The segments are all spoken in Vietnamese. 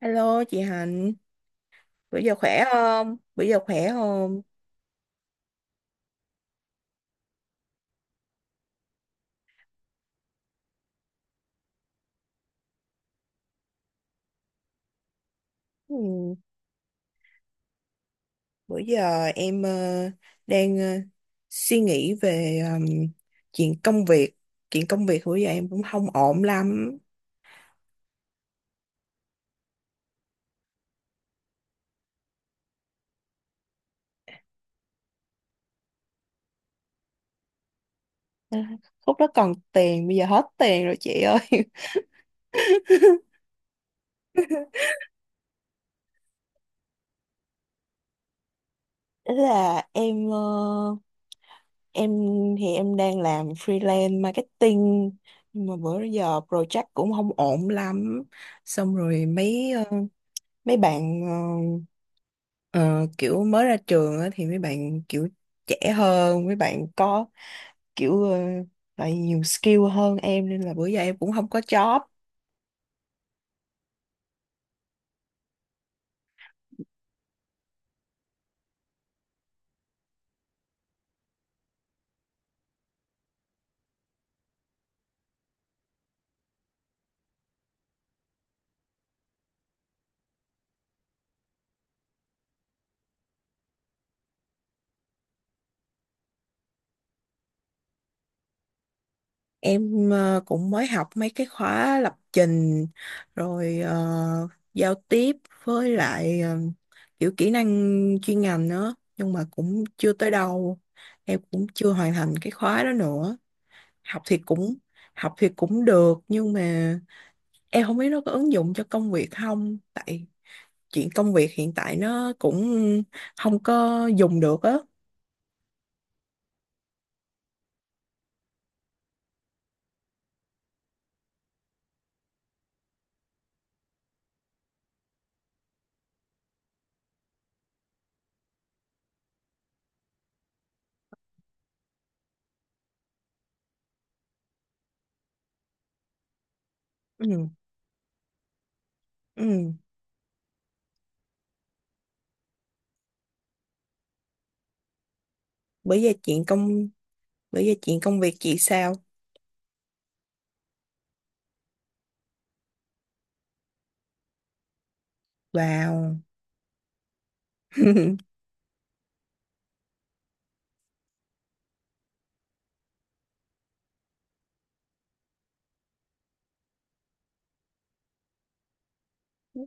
Hello chị Hạnh, bữa giờ khỏe không? Bữa giờ khỏe không? Ừ, bữa giờ em đang suy nghĩ về chuyện công việc. Chuyện công việc bữa giờ em cũng không ổn lắm. À, lúc đó còn tiền, bây giờ hết tiền rồi chị ơi. Ý là em thì em đang làm freelance marketing, nhưng mà bữa giờ project cũng không ổn lắm. Xong rồi mấy bạn, ờ, kiểu mới ra trường á, thì mấy bạn kiểu trẻ hơn, mấy bạn có kiểu lại nhiều skill hơn em, nên là bữa giờ em cũng không có job. Em cũng mới học mấy cái khóa lập trình, rồi giao tiếp, với lại kiểu kỹ năng chuyên ngành nữa, nhưng mà cũng chưa tới đâu. Em cũng chưa hoàn thành cái khóa đó nữa. học thì cũng học thì cũng được, nhưng mà em không biết nó có ứng dụng cho công việc không, tại chuyện công việc hiện tại nó cũng không có dùng được á. Ừ, ừ. bởi vì chuyện công bởi vì chuyện công việc chị sao? Vào.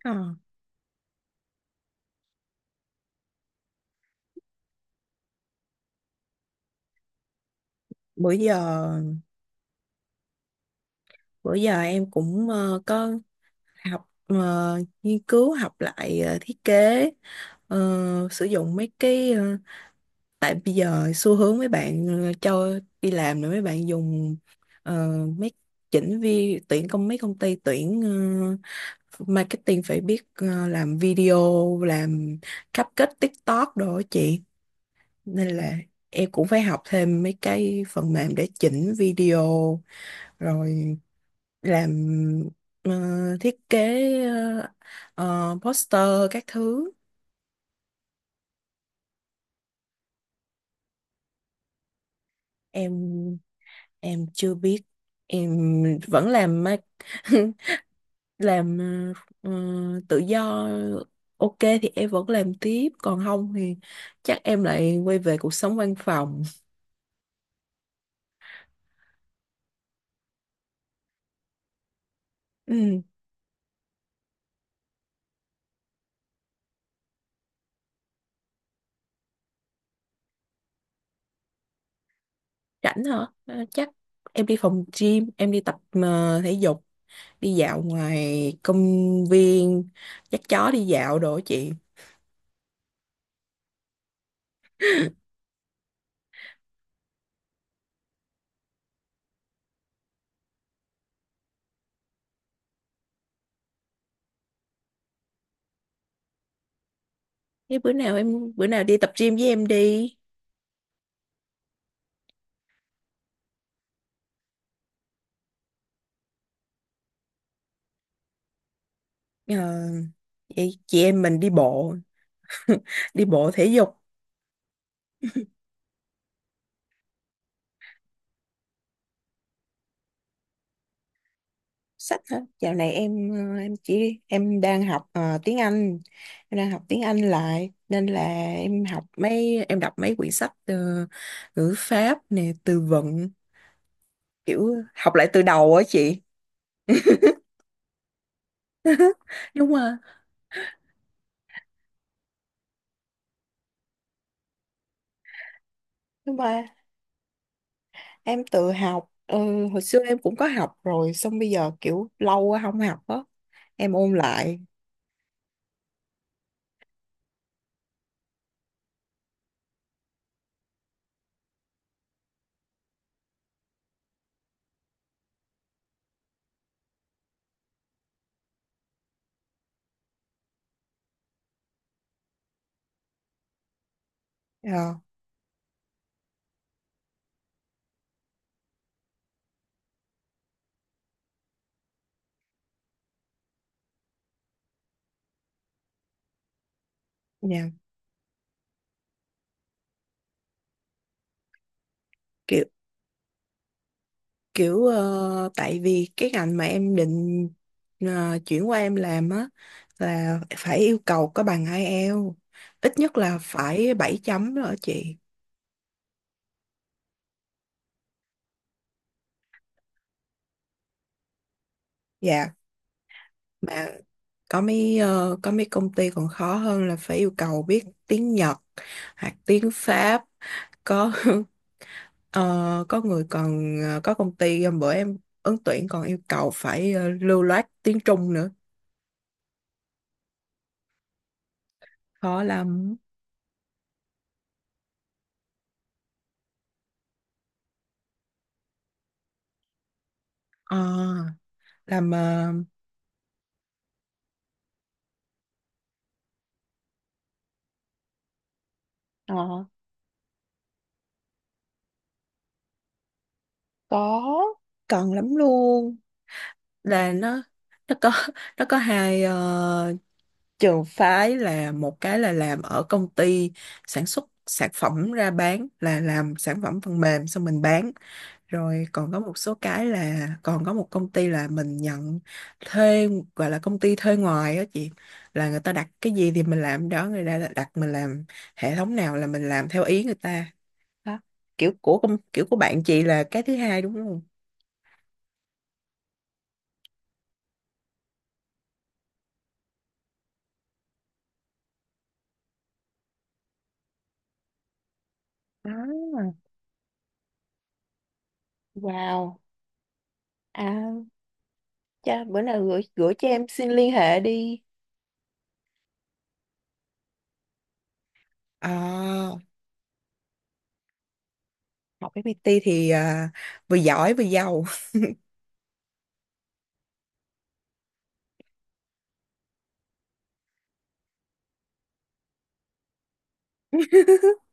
Ờ, bữa giờ em cũng có học, nghiên cứu, học lại thiết kế, sử dụng mấy cái, tại bây giờ xu hướng mấy bạn cho đi làm rồi mấy bạn dùng, ờ, mấy chỉnh vi tuyển công mấy công ty tuyển ờ, marketing phải biết làm video, làm cupcake TikTok đồ á chị. Nên là em cũng phải học thêm mấy cái phần mềm để chỉnh video, rồi làm ờ, thiết kế poster các thứ. Em em chưa biết, em vẫn làm ờ, ờ, tự do. Ok, thì em vẫn làm tiếp, còn không thì chắc em lại quay về cuộc sống văn phòng. Ừ, rảnh hả? Ờ, chắc em đi phòng gym, em đi tập thể dục, đi dạo ngoài công viên, dắt chó đi dạo đồ á chị. Thế bữa nào đi tập gym với em đi. Ờ, vậy chị em mình đi bộ. Đi bộ thể dục. Sách hả? Dạo này em ờ, em chỉ em đang học tiếng Anh, em đang học tiếng Anh lại nên là em học mấy em đọc mấy quyển sách ngữ pháp nè, từ vựng, kiểu học lại từ đầu á chị. Đúng rồi. Nhưng mà em tự học. Ờ, Hồi xưa em cũng có học rồi, xong bây giờ kiểu lâu quá không học á, em ôn lại. Ờ, nha. Kiểu tại vì cái ngành mà em định chuyển qua em làm á là phải yêu cầu có bằng IELTS, ít nhất là phải 7 chấm đó chị. Dạ. Mà có mấy công ty còn khó hơn, là phải yêu cầu biết tiếng Nhật hoặc tiếng Pháp. Có. Ờ, có người còn có công ty hôm bữa em ứng tuyển còn yêu cầu phải lưu loát tiếng Trung nữa. Khó lắm. Ờ, làm ờ, Ờ. có, cần lắm luôn. Là nó có nó có hai trường phái: là một cái là làm ở công ty sản xuất sản phẩm ra bán, là làm sản phẩm phần mềm xong mình bán, rồi còn có một số cái là còn có một công ty là mình nhận thuê, gọi là công ty thuê ngoài á chị, là người ta đặt cái gì thì mình làm đó, người ta đặt mình làm hệ thống nào là mình làm theo ý người ta, đó. Kiểu của bạn chị là cái thứ hai đúng không. À. Wow. À cha, bữa nào gửi gửi cho em xin liên hệ đi. À, học FPT thì à, vừa giỏi vừa giàu.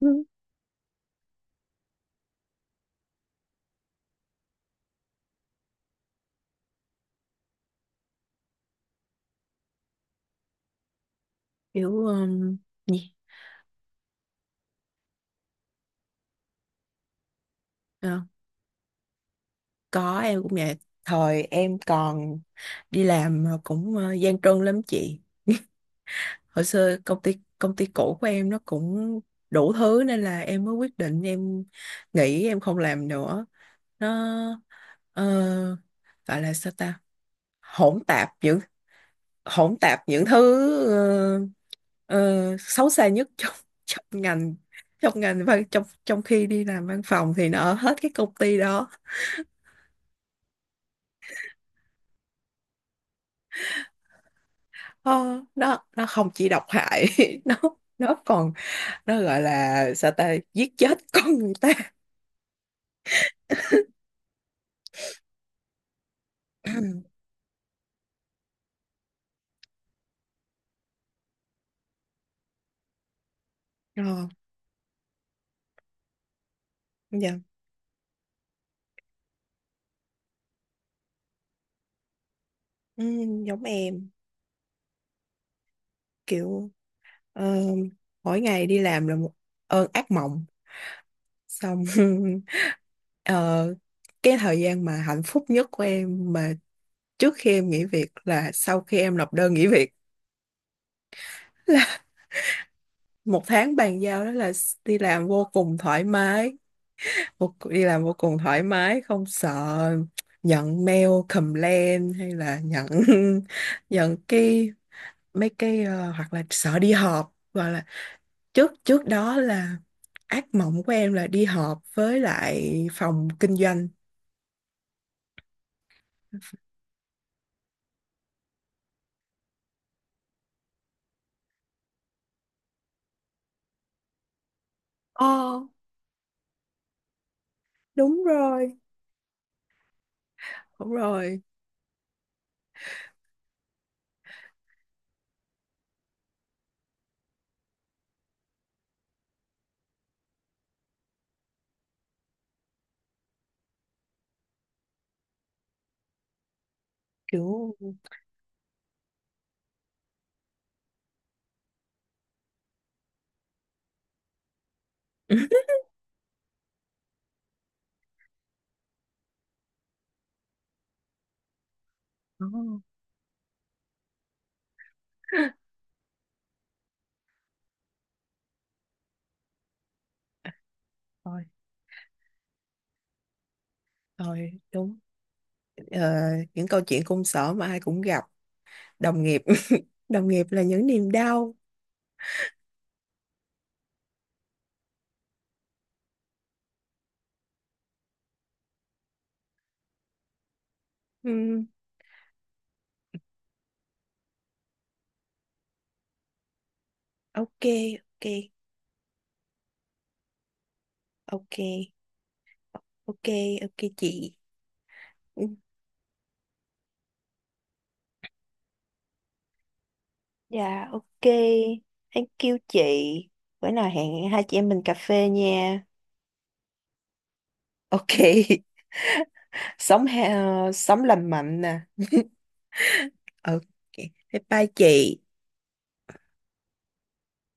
Ừ. Kiểu gì? Ờ, có, em cũng vậy. Thời em còn đi làm mà cũng gian truân lắm chị. Hồi xưa công ty cũ của em nó cũng đủ thứ, nên là em mới quyết định em nghỉ, em không làm nữa. Nó ờ, gọi là sao ta, hỗn tạp những hỗn tạp những thứ xấu xa nhất trong trong ngành, trong ngành văn trong trong khi đi làm văn phòng thì nó ở hết cái công ty đó. Ờ, nó không chỉ độc hại, nó nó còn, nó gọi là sao ta, giết chết con người ta. Ờ, dạ. Ừ, giống em. Kiểu ờ, mỗi ngày đi làm là một ơn ác mộng. Xong ờ, cái thời gian mà hạnh phúc nhất của em, mà trước khi em nghỉ việc, là sau khi em nộp đơn nghỉ việc là một tháng bàn giao đó, là đi làm vô cùng thoải mái. Đi làm vô cùng thoải mái, không sợ nhận mail complain, hay là nhận nhận cái mấy cái hoặc là sợ đi họp, gọi là. Trước trước đó là ác mộng của em là đi họp với lại phòng kinh doanh. Ờ, đúng rồi, đúng rồi, kiểu. Ồ, rồi, rồi, đúng. Ờ, những câu chuyện công sở mà ai cũng gặp. Đồng nghiệp đồng nghiệp là những niềm đau. Ừm, ok ok ok ok ok chị. Ừm, Dạ ok, thank you chị. Bữa nào hẹn hai chị em mình cà phê nha. Ok. Sống sống lành mạnh nè. Ok. Bye bye chị.